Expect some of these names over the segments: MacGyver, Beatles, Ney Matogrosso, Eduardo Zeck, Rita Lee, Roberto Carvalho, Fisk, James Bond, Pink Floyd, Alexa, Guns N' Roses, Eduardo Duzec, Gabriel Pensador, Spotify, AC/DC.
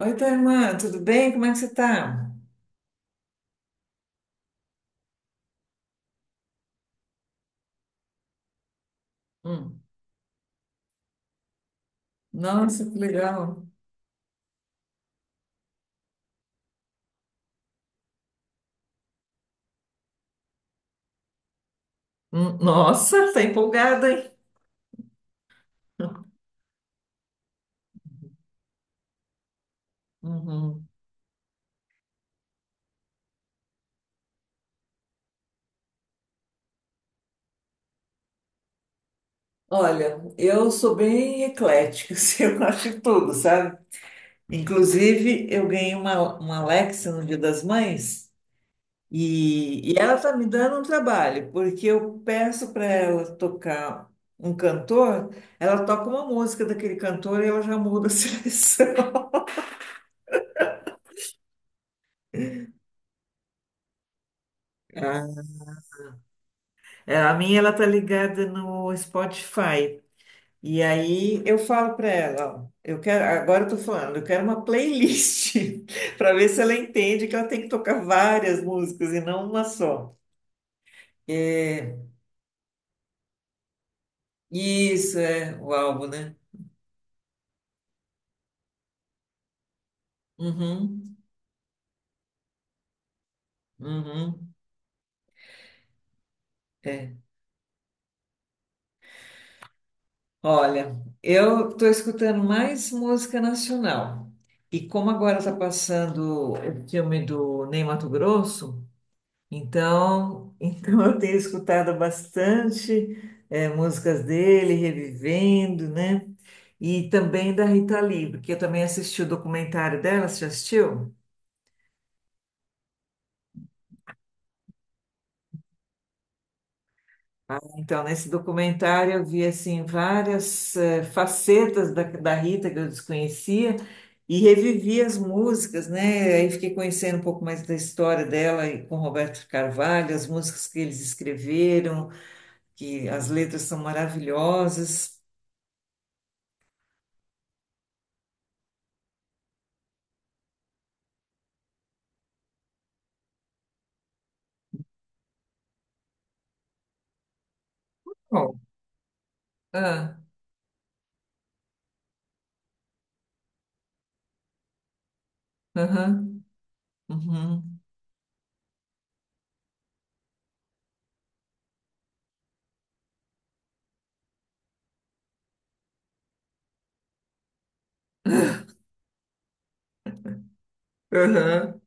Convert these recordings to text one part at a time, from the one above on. Oi, tua irmã, tudo bem? Como é que você tá? Hum. Nossa, que legal. Nossa, tá empolgada, hein? Uhum. Olha, eu sou bem eclética, assim, eu gosto de tudo, sabe? Inclusive, eu ganhei uma Alexa no Dia das Mães e ela tá me dando um trabalho, porque eu peço para ela tocar um cantor, ela toca uma música daquele cantor e ela já muda a seleção. É, a minha ela tá ligada no Spotify. E aí eu falo para ela, ó, eu quero, agora eu tô falando, eu quero uma playlist para ver se ela entende que ela tem que tocar várias músicas e não uma só. É, isso é o álbum, né? Uhum, uhum, é. Olha, eu tô escutando mais música nacional. E como agora tá passando o filme do Ney Matogrosso, então, eu tenho escutado bastante músicas dele, revivendo, né? E também da Rita Lee, porque eu também assisti o documentário dela, você já assistiu? Ah, então, nesse documentário eu vi assim várias facetas da Rita que eu desconhecia e revivi as músicas, né? Aí fiquei conhecendo um pouco mais da história dela e com Roberto Carvalho, as músicas que eles escreveram, que as letras são maravilhosas. Ah, aham, uhum, aham.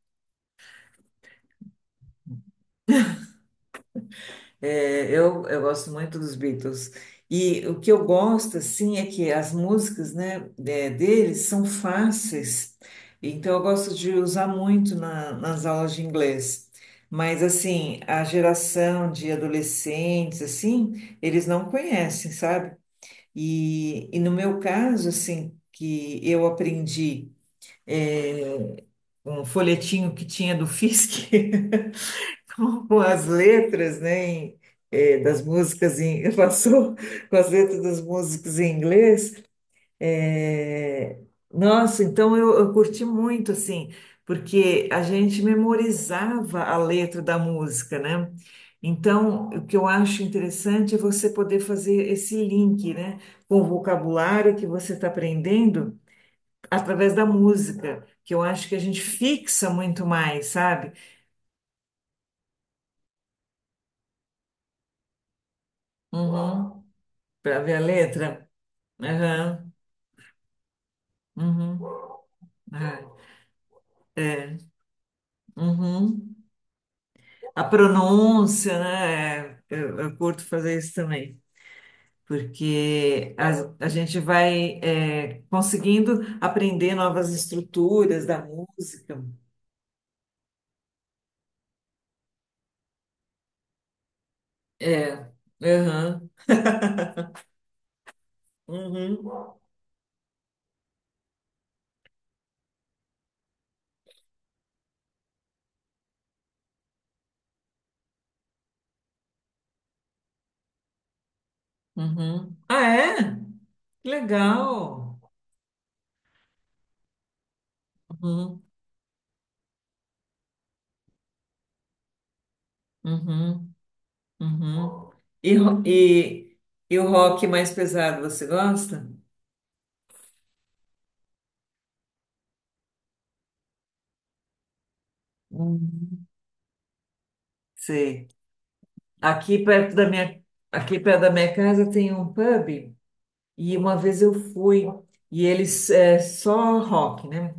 É, eu gosto muito dos Beatles. E o que eu gosto, assim, é que as músicas, né, deles são fáceis. Então, eu gosto de usar muito nas aulas de inglês. Mas, assim, a geração de adolescentes, assim, eles não conhecem, sabe? E no meu caso, assim, que eu aprendi um folhetinho que tinha do Fisk. com as letras, né, das músicas passou com as letras das músicas em inglês. eh, nossa, então eu curti muito, assim, porque a gente memorizava a letra da música, né? Então, o que eu acho interessante é você poder fazer esse link, né, com o vocabulário que você está aprendendo através da música, que eu acho que a gente fixa muito mais, sabe? Uhum. Para ver a letra. Aham, uhum, ah, é, uhum. A pronúncia, né? Eu curto fazer isso também, porque a gente vai conseguindo aprender novas estruturas da música. É, aham, uhum, uhum. Ah, é? Que legal. Uhum, uhum, uhum. E, ro- e, e o rock mais pesado, você gosta? Hum. Sei. Aqui perto da minha, aqui perto da minha casa tem um pub e uma vez eu fui e eles é só rock, né?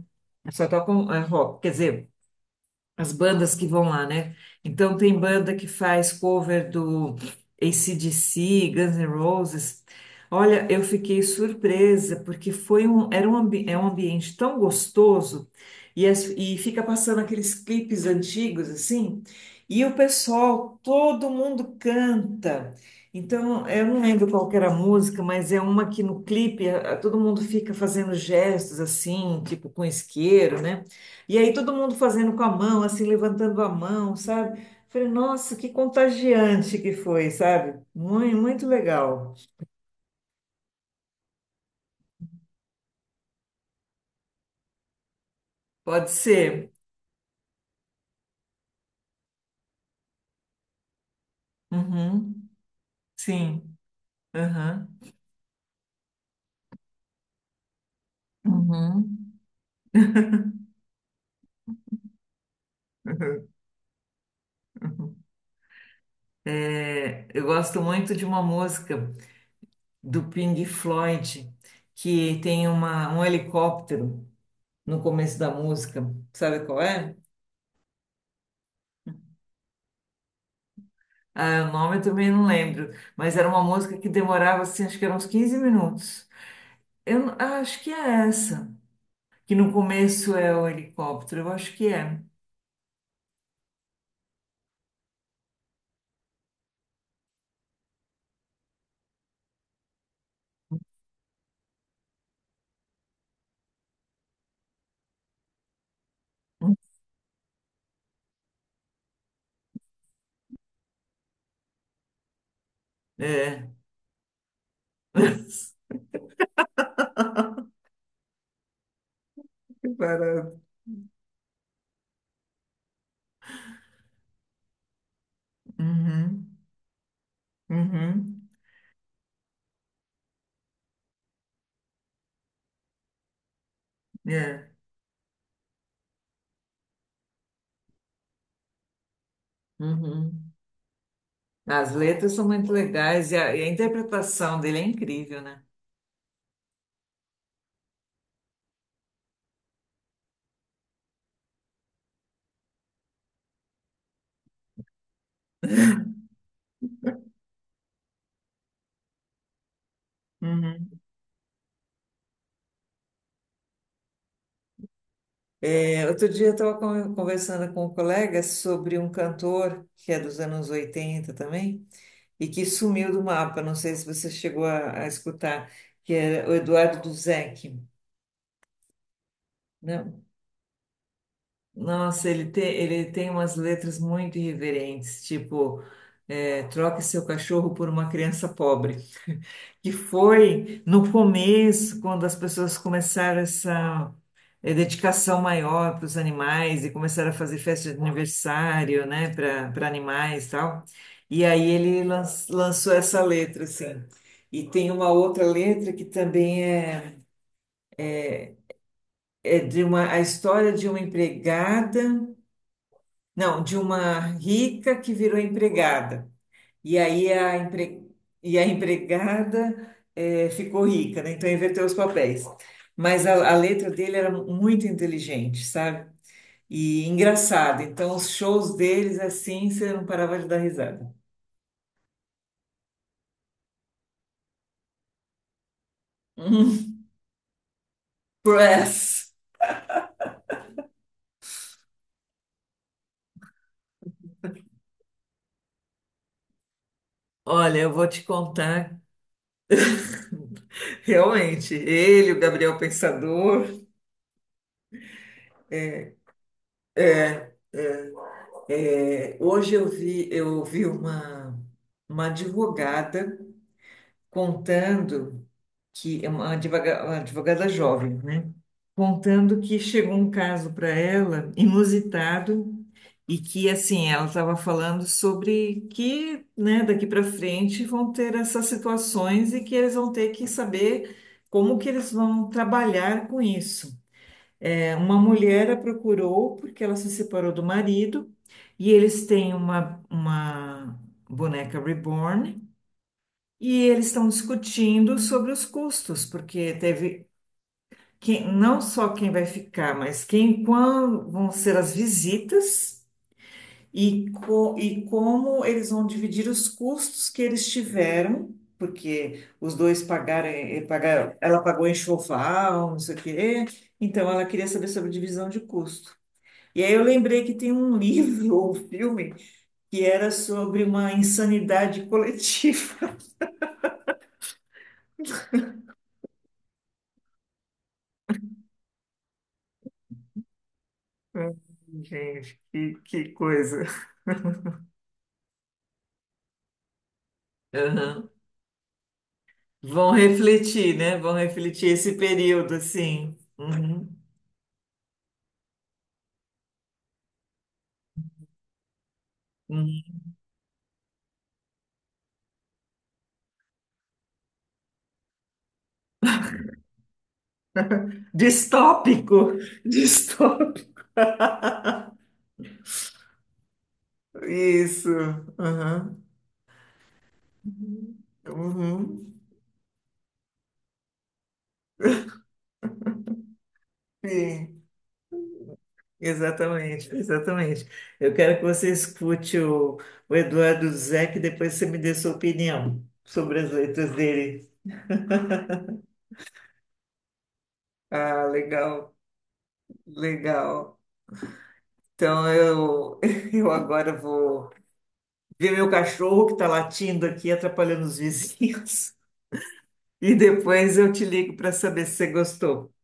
Só tocam rock, quer dizer, as bandas que vão lá, né? Então tem banda que faz cover do AC/DC, Guns N' Roses. Olha, eu fiquei surpresa porque foi um, era um, ambi- é um ambiente tão gostoso e fica passando aqueles clipes antigos assim, e o pessoal, todo mundo canta. Então, eu não lembro qual que era a música, mas é uma que no clipe todo mundo fica fazendo gestos assim, tipo com isqueiro, né? E aí todo mundo fazendo com a mão, assim, levantando a mão, sabe? Falei, nossa, que contagiante que foi, sabe? Muito, muito legal. Pode ser. Uhum. Sim. Aham. Uhum. É, eu gosto muito de uma música do Pink Floyd que tem um helicóptero no começo da música. Sabe qual é? Ah, o nome eu também não lembro, mas era uma música que demorava assim, acho que eram uns 15 minutos. Eu acho que é essa, que no começo é o helicóptero, eu acho que é. É. Que barato. Uhum, uhum, é. Uhum. As letras são muito legais e a, interpretação dele é incrível, né? Uhum. É, outro dia eu estava conversando com um colega sobre um cantor que é dos anos 80 também e que sumiu do mapa. Não sei se você chegou a escutar, que era o Eduardo Duzec. Nossa, ele tem umas letras muito irreverentes, tipo, troque seu cachorro por uma criança pobre, que foi no começo, quando as pessoas começaram essa dedicação maior para os animais e começaram a fazer festa de aniversário, né, para animais e tal. E aí ele lançou essa letra, assim. E tem uma outra letra que também é, é de a história de uma empregada. Não, de uma rica que virou empregada. E aí e a empregada ficou rica, né? Então inverteu os papéis. Mas a letra dele era muito inteligente, sabe? E engraçada. Então os shows deles, assim, você não parava de dar risada. Hum, Press! Olha, eu vou te contar. Realmente, o Gabriel Pensador. Hoje eu vi, uma, advogada contando. Que é uma uma advogada jovem, né? Contando que chegou um caso para ela inusitado e que assim ela estava falando sobre que, né, daqui para frente vão ter essas situações e que eles vão ter que saber como que eles vão trabalhar com isso. É, uma mulher a procurou porque ela se separou do marido e eles têm uma boneca reborn. E eles estão discutindo sobre os custos, porque teve não só quem vai ficar, mas quem, quando vão ser as visitas e como eles vão dividir os custos que eles tiveram, porque os dois pagaram, pagaram, ela pagou enxoval, não sei o quê, então ela queria saber sobre divisão de custo. E aí eu lembrei que tem um livro ou filme que era sobre uma insanidade coletiva. Gente, que coisa. Aham. Vão refletir, né? Vão refletir esse período, assim. Uhum, uhum. Distópico. Distópico. Isso. Uhum. Uhum. Sim, exatamente, exatamente. Eu quero que você escute o Eduardo Zeck, depois você me dê sua opinião sobre as letras dele. Ah, legal, legal. Então eu, eu agora vou ver meu cachorro que está latindo aqui, atrapalhando os vizinhos. E depois eu te ligo para saber se você gostou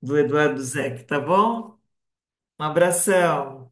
do Eduardo Zeck, tá bom? Um abração.